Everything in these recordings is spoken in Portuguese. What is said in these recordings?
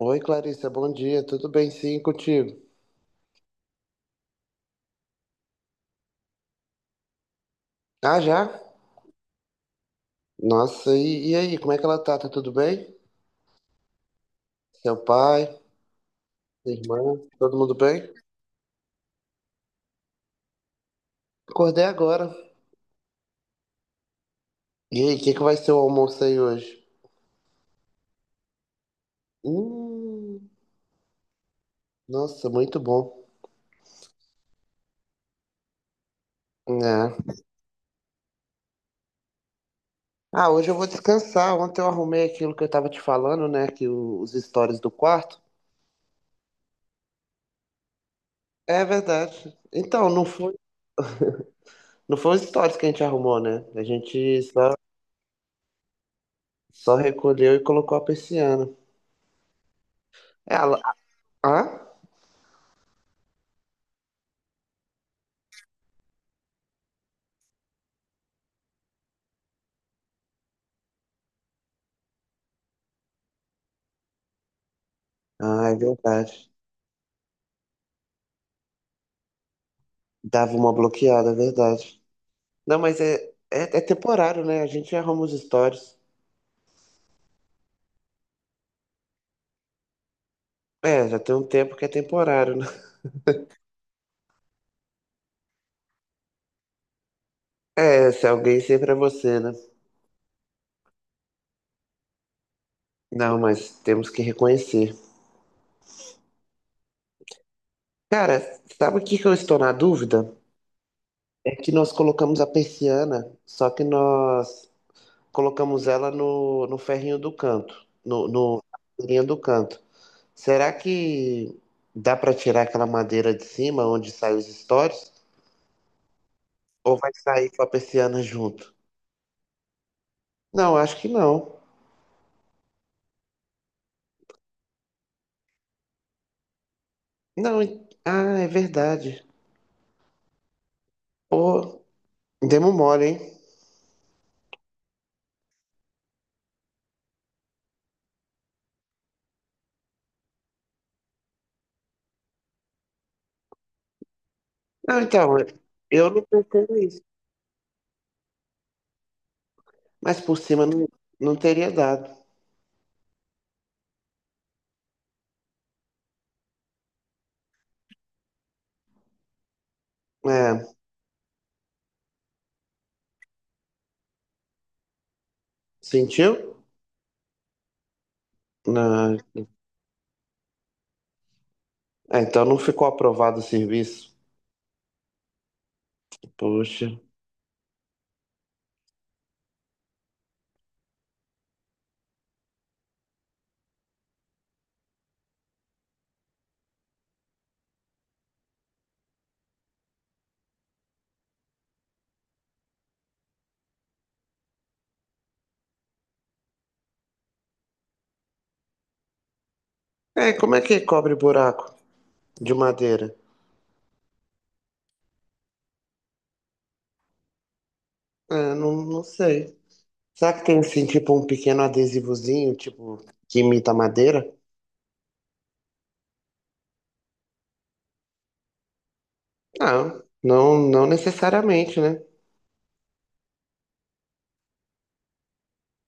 Oi, Clarissa, bom dia. Tudo bem, sim, contigo? Ah, já? Nossa, e aí, como é que ela tá? Tá tudo bem? Seu pai, sua irmã, todo mundo bem? Acordei agora. E aí, o que que vai ser o almoço aí hoje? Hum, nossa, muito bom. É. Ah, hoje eu vou descansar. Ontem eu arrumei aquilo que eu tava te falando, né? Que os stories do quarto. É verdade. Então, não foi os stories que a gente arrumou, né? A gente só recolheu e colocou a persiana. Ela, hã? Ah, é verdade. Dava uma bloqueada, é verdade. Não, mas é temporário, né? A gente arruma os stories. É, já tem um tempo que é temporário, né? É, se alguém sempre é você, né? Não, mas temos que reconhecer. Cara, sabe o que que eu estou na dúvida? É que nós colocamos a persiana, só que nós colocamos ela no ferrinho do canto, no, no na linha do canto. Será que dá para tirar aquela madeira de cima onde saem os stories? Ou vai sair com a persiana junto? Não, acho que não. Não, ah, é verdade. Pô, demos mole, hein? Não, então, é, eu não pensei nisso. Mas por cima não, não teria dado. É, sentiu? Não. É, então não ficou aprovado o serviço. Poxa. É, como é que cobre buraco de madeira? É, não, não sei. Será que tem assim, tipo, um pequeno adesivozinho, tipo, que imita madeira? Não, não, não necessariamente, né?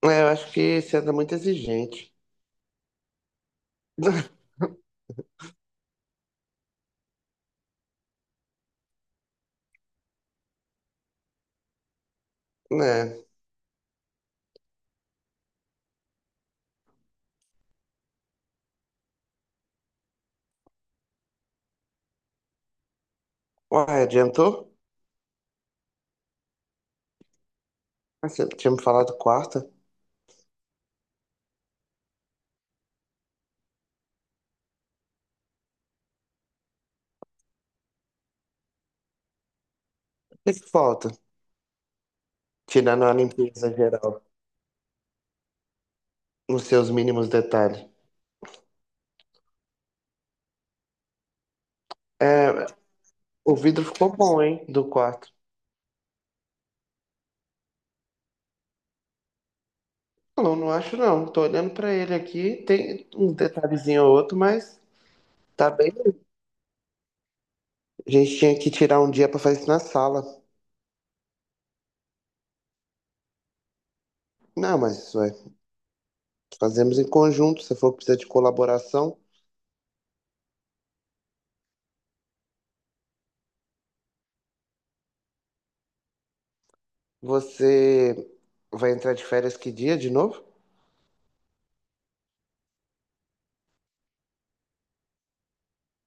É, eu acho que você anda muito exigente. Né? Uai, adiantou? Ah, você tinha me falado quarta? O que que falta? Tirando a limpeza geral, nos seus mínimos detalhes. É, o vidro ficou bom, hein, do quarto. Não, não acho não. Tô olhando pra ele aqui, tem um detalhezinho ou outro, mas tá bem. A gente tinha que tirar um dia pra fazer isso na sala. Não, mas ué, fazemos em conjunto. Se for precisar de colaboração, você vai entrar de férias que dia de novo?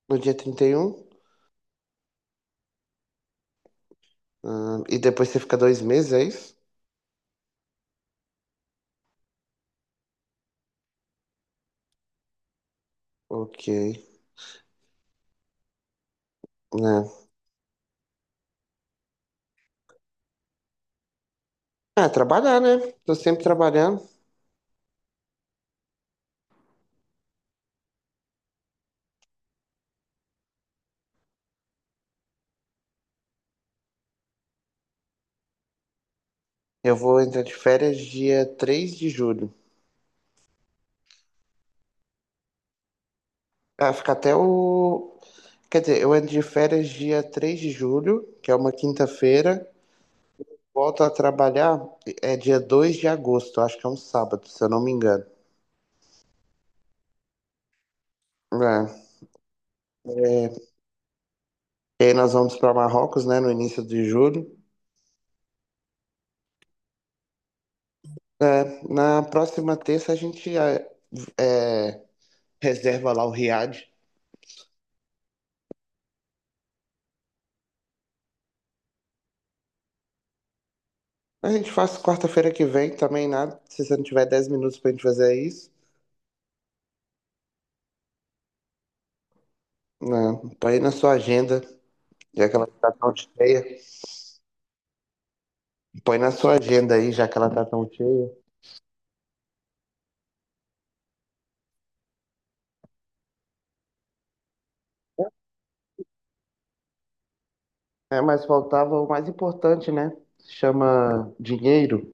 No dia 31. E depois você fica 2 meses, é isso? Ok. Né? Ah, trabalhar, né? Tô sempre trabalhando. Eu vou entrar de férias dia 3 de julho. Ah, fica até o. Quer dizer, eu entro de férias dia 3 de julho, que é uma quinta-feira. Volto a trabalhar é dia 2 de agosto, acho que é um sábado, se eu não me engano. É, é, e aí nós vamos para Marrocos, né, no início de julho. É, na próxima terça a gente é, reserva lá o Riad. A gente faz quarta-feira que vem também, nada. Se você não tiver 10 minutos pra gente fazer isso, né? Põe na sua agenda, já que ela tá tão cheia. Põe na sua agenda aí, já que ela tá tão cheia. É, mas faltava o mais importante, né? Se chama dinheiro.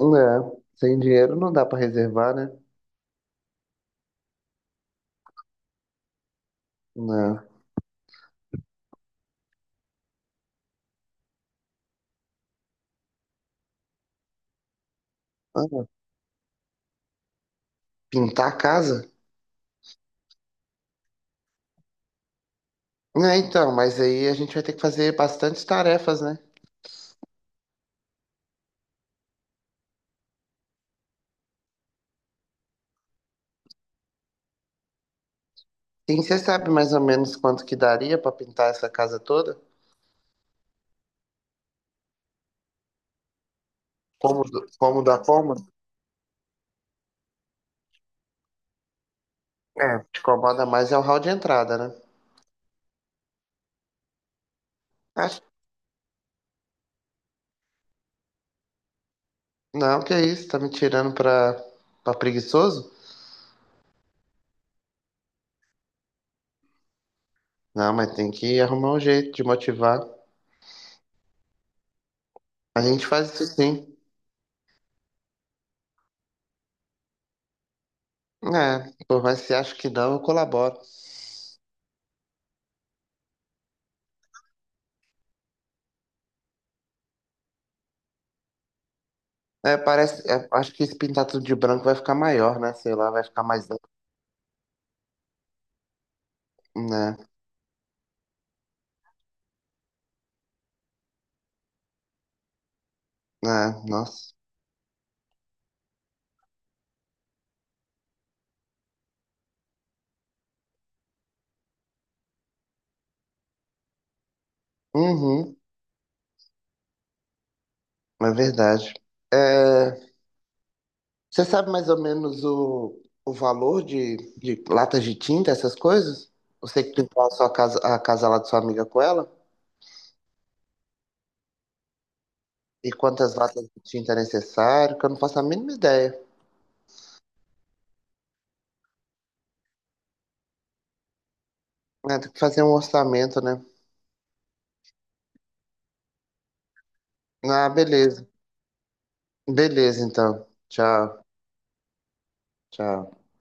Não. Sem dinheiro não dá pra reservar, né? Não. Ah, pintar a casa? É, então, mas aí a gente vai ter que fazer bastantes tarefas, né? Sim, você sabe mais ou menos quanto que daria pra pintar essa casa toda? Cômodo, como da forma? É, o que te incomoda mais é o hall de entrada, né? Acho- Não, que é isso, tá me tirando pra, pra preguiçoso? Não, mas tem que arrumar um jeito de motivar. A gente faz isso sim. É, por mais que você ache que não, eu colaboro. É, parece, é, acho que esse pintar tudo de branco vai ficar maior, né? Sei lá, vai ficar mais. Né, né, é, nossa. Uhum, é verdade. É, você sabe mais ou menos o valor de latas de tinta, essas coisas? Você que pintou a sua casa, a casa lá de sua amiga com ela? E quantas latas de tinta é necessário? Que eu não faço a mínima ideia. É, tem que fazer um orçamento, né? Ah, beleza. Beleza, então. Tchau, tchau.